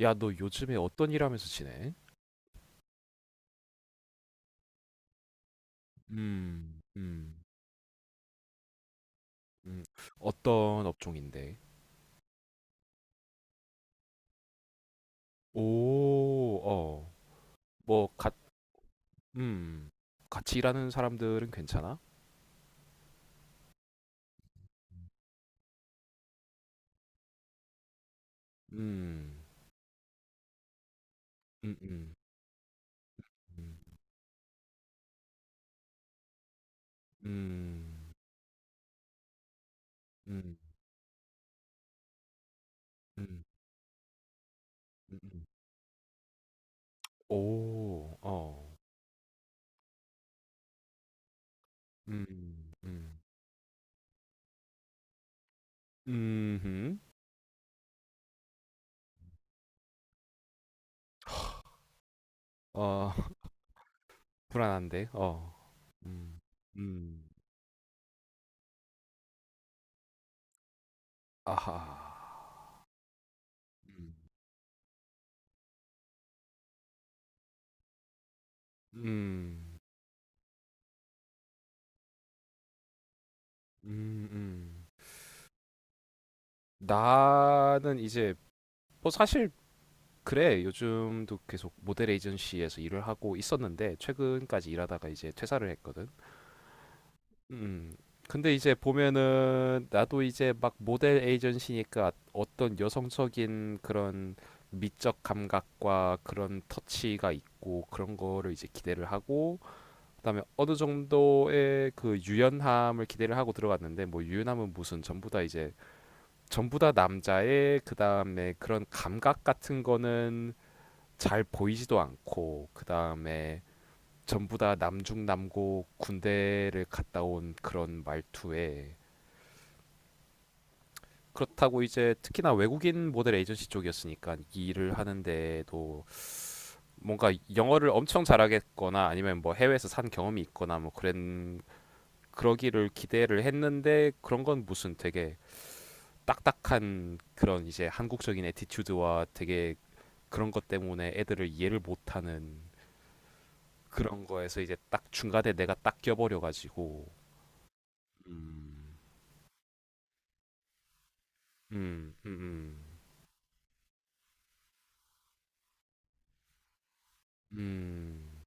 야, 너 요즘에 어떤 일 하면서 지내? 음, 음, 음. 어떤 업종인데? 오, 어. 뭐, 가, 음. 같이 일하는 사람들은 괜찮아? 음, 음, 음, 음, 음, 음, 음, 음, 음. 오, 어. 음, 음, 음, 음. 어, 불안한데, 어. 음, 음. 아하. 음, 음, 음, 음. 나는 이제 뭐 사실 그래 요즘도 계속 모델 에이전시에서 일을 하고 있었는데 최근까지 일하다가 이제 퇴사를 했거든. 음. 근데 이제 보면은 나도 이제 막 모델 에이전시니까 어떤 여성적인 그런 미적 감각과 그런 터치가 있고 그런 거를 이제 기대를 하고 그다음에 어느 정도의 그 유연함을 기대를 하고 들어갔는데 뭐 유연함은 무슨 전부 다 이제 전부 다 남자의 그다음에 그런 감각 같은 거는 잘 보이지도 않고 그다음에 전부 다 남중남고 군대를 갔다 온 그런 말투에 그렇다고 이제 특히나 외국인 모델 에이전시 쪽이었으니까 이 일을 하는데도 뭔가 영어를 엄청 잘하겠거나 아니면 뭐 해외에서 산 경험이 있거나 뭐 그런 그러기를 기대를 했는데 그런 건 무슨 되게 딱딱한 그런 이제 한국적인 에티튜드와 되게 그런 것 때문에 애들을 이해를 못하는 그런 거에서 이제 딱 중간에 내가 딱 껴버려가지고 음, 음, 음, 음, 음,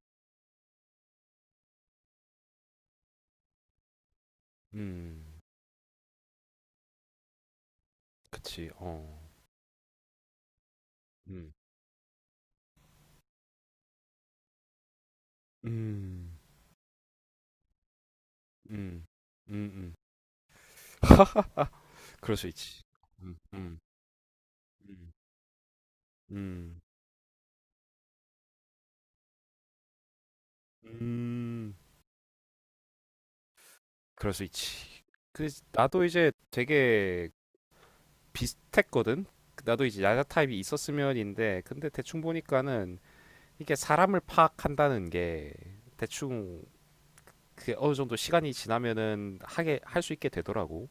음, 그치, 어, 음, 음, 음, 음, 음, 그럴 수 있지, 음, 음, 음, 음, 음, 그럴 수 있지. 그 나도 이제 되게 비슷했거든. 나도 이제 야자 타입이 있었으면인데, 근데 대충 보니까는 이게 사람을 파악한다는 게 대충 그 어느 정도 시간이 지나면은 하게 할 수 있게 되더라고.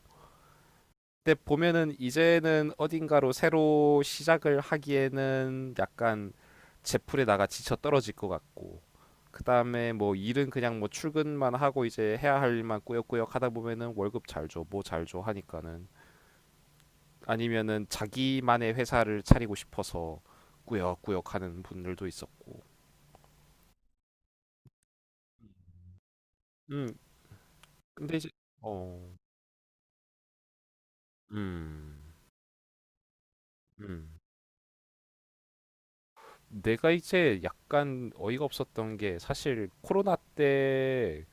근데 보면은 이제는 어딘가로 새로 시작을 하기에는 약간 제풀에다가 지쳐 떨어질 것 같고 그다음에 뭐 일은 그냥 뭐 출근만 하고 이제 해야 할 일만 꾸역꾸역 하다 보면은 월급 잘 줘, 뭐 잘 줘 하니까는 아니면은 자기만의 회사를 차리고 싶어서 꾸역꾸역 하는 분들도 있었고. 음, 근데 이제 어 음. 음. 내가 이제 약간 어이가 없었던 게 사실 코로나 때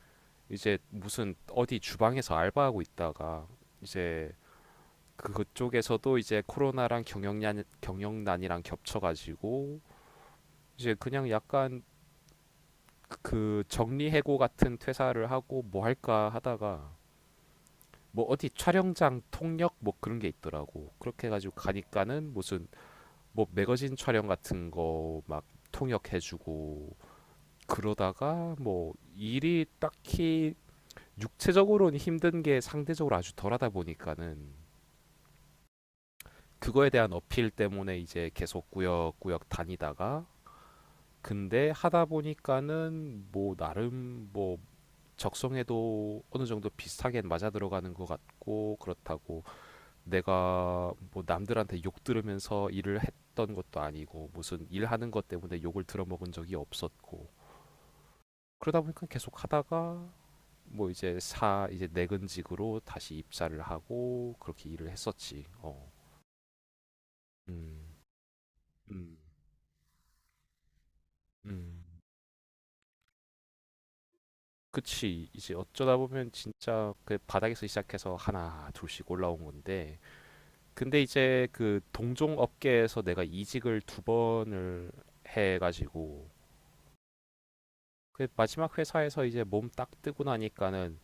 이제 무슨 어디 주방에서 알바하고 있다가 이제 그쪽에서도 이제 코로나랑 경영난이랑 겹쳐가지고 이제 그냥 약간 그 정리해고 같은 퇴사를 하고 뭐 할까 하다가 뭐 어디 촬영장 통역 뭐 그런 게 있더라고. 그렇게 해가지고 가니까는 무슨 뭐 매거진 촬영 같은 거 막 통역해주고 그러다가 뭐 일이 딱히 육체적으로는 힘든 게 상대적으로 아주 덜하다 보니까는 그거에 대한 어필 때문에 이제 계속 꾸역꾸역 다니다가 근데 하다 보니까는 뭐 나름 뭐 적성에도 어느 정도 비슷하게 맞아 들어가는 것 같고 그렇다고 내가 뭐 남들한테 욕 들으면서 일을 했던 것도 아니고 무슨 일하는 것 때문에 욕을 들어먹은 적이 없었고 그러다 보니까 계속 하다가 뭐 이제 내근직으로 다시 입사를 하고 그렇게 일을 했었지. 어. 음. 음. 음. 그치. 이제 어쩌다 보면 진짜 그 바닥에서 시작해서 하나, 둘씩 올라온 건데. 근데 이제 그 동종 업계에서 내가 이직을 두 번을 해가지고 그 마지막 회사에서 이제 몸 딱 뜨고 나니까는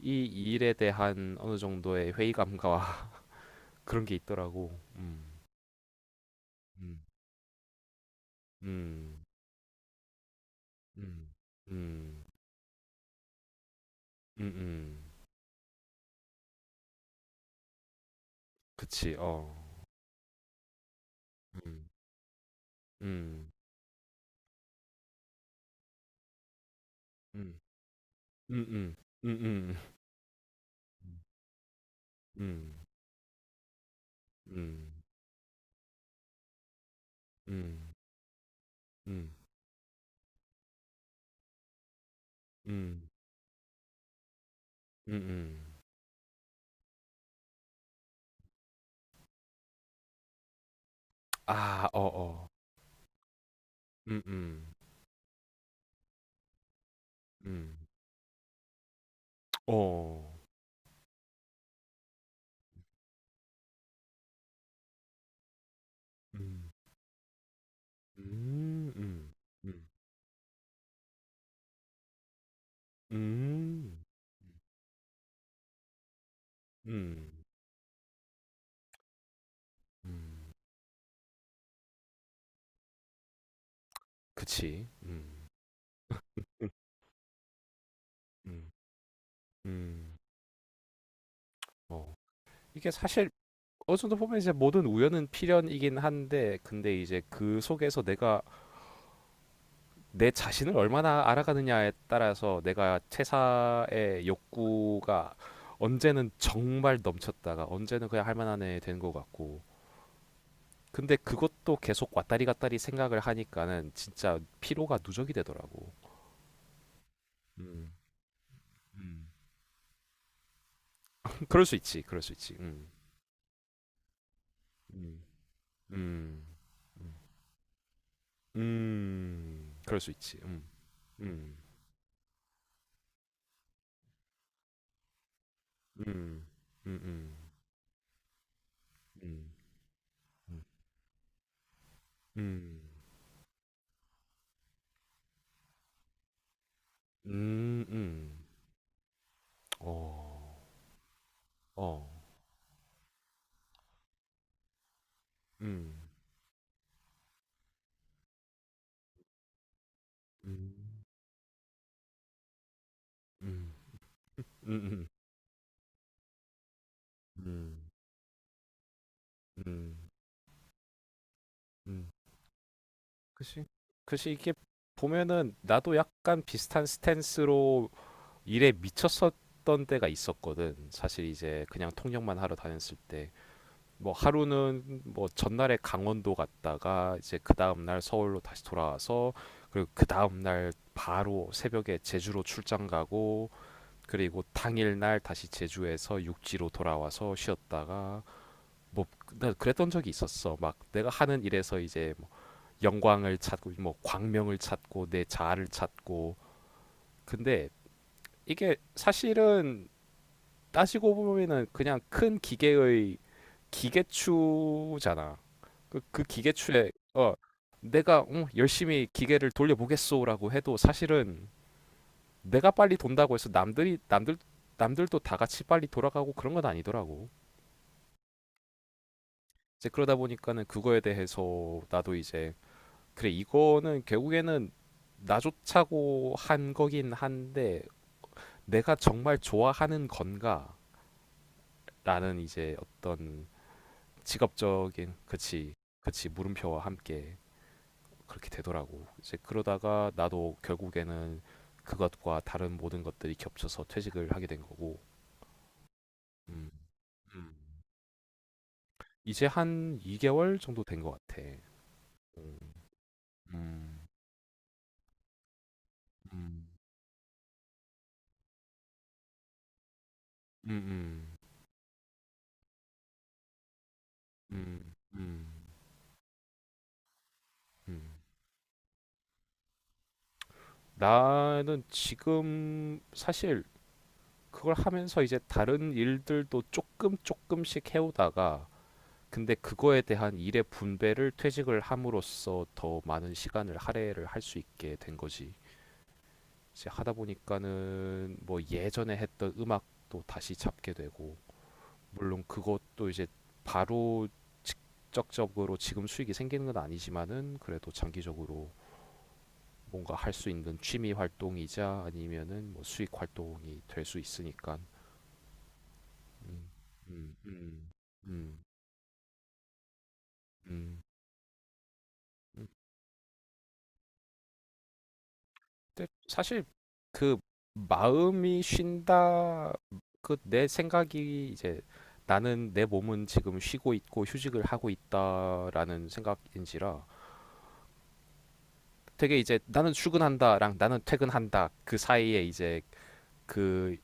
이 일에 대한 어느 정도의 회의감과 그런 게 있더라고. 음. 음. 음. 음. 음. 음음. 그치. 어. 음. 음. 음. 음음. 음음. 음. 음. 음. 음. 음. 음 음, 음. 아 어어. 음음. 음. 어. 음. 음. 음. 음. 음. 음. 음. 그치. 음. 음. 음. 어. 이게 사실 어느 정도 보면 이제 모든 우연은 필연이긴 한데 근데 이제 그 속에서 내가 내 자신을 얼마나 알아가느냐에 따라서 내가 퇴사의 욕구가 언제는 정말 넘쳤다가 언제는 그냥 할 만한 애 되는 것 같고 근데 그것도 계속 왔다리 갔다리 생각을 하니까는 진짜 피로가 누적이 되더라고. 음. 음. 그럴 수 있지. 그럴 수 있지. 음. 음. 음. 음. 그럴 수 있지. 음. 음. 음. 음. 음. 음. 음. 음. 음. 음. 어. 어. 음. 음. 음. 음. 음. 음. 음. 그치. 그치 이게 보면은 나도 약간 비슷한 스탠스로 일에 미쳤었던 때가 있었거든. 사실 이제 그냥 통역만 하러 다녔을 때. 뭐 하루는 뭐 전날에 강원도 갔다가 이제 그 다음날 서울로 다시 돌아와서 그리고 그 다음날 바로 새벽에 제주로 출장 가고 그리고 당일날 다시 제주에서 육지로 돌아와서 쉬었다가 뭐 나 그랬던 적이 있었어. 막 내가 하는 일에서 이제 뭐 영광을 찾고 뭐 광명을 찾고 내 자아를 찾고 근데 이게 사실은 따지고 보면은 그냥 큰 기계의 기계추잖아. 그 기계추에 어 내가 응, 열심히 기계를 돌려보겠소라고 해도 사실은 내가 빨리 돈다고 해서 남들이 남들 남들도 다 같이 빨리 돌아가고 그런 건 아니더라고. 이제 그러다 보니까는 그거에 대해서 나도 이제 그래 이거는 결국에는 나조차고 한 거긴 한데 내가 정말 좋아하는 건가라는 이제 어떤 직업적인 그치 그치 물음표와 함께 그렇게 되더라고. 이제 그러다가 나도 결국에는 그것과 다른 모든 것들이 겹쳐서 퇴직을 하게 된 거고. 음, 음. 이제 한 2개월 정도 된 것 같아. 음, 음, 음, 음, 음, 음, 음, 음. 나는 지금 사실 그걸 하면서 이제 다른 일들도 조금 조금씩 해오다가 근데 그거에 대한 일의 분배를 퇴직을 함으로써 더 많은 시간을 할애를 할 수 있게 된 거지. 이제 하다 보니까는 뭐 예전에 했던 음악도 다시 잡게 되고 물론 그것도 이제 바로 적적으로 지금 수익이 생기는 건 아니지만은 그래도 장기적으로 뭔가 할 수 있는 취미 활동이자 아니면은 뭐 수익 활동이 될 수 있으니까 음, 음, 음, 음, 음, 음. 근데 사실 그 마음이 쉰다 그 내 생각이 이제 나는 내 몸은 지금 쉬고 있고 휴식을 하고 있다라는 생각인지라 되게 이제 나는 출근한다랑 나는 퇴근한다 그 사이에 이제 그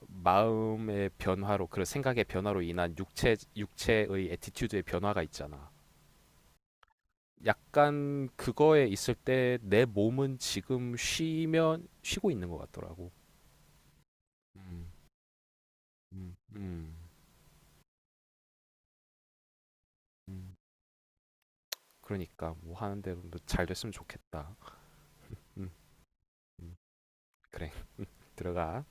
마음의 변화로 그런 생각의 변화로 인한 육체의 애티튜드의 변화가 있잖아. 약간 그거에 있을 때 내 몸은 지금 쉬면 쉬고 있는 것 같더라고. 음, 음, 음. 음, 그러니까 뭐 하는데 도잘 됐으면 좋겠다. 음, 음, 그래 들어가.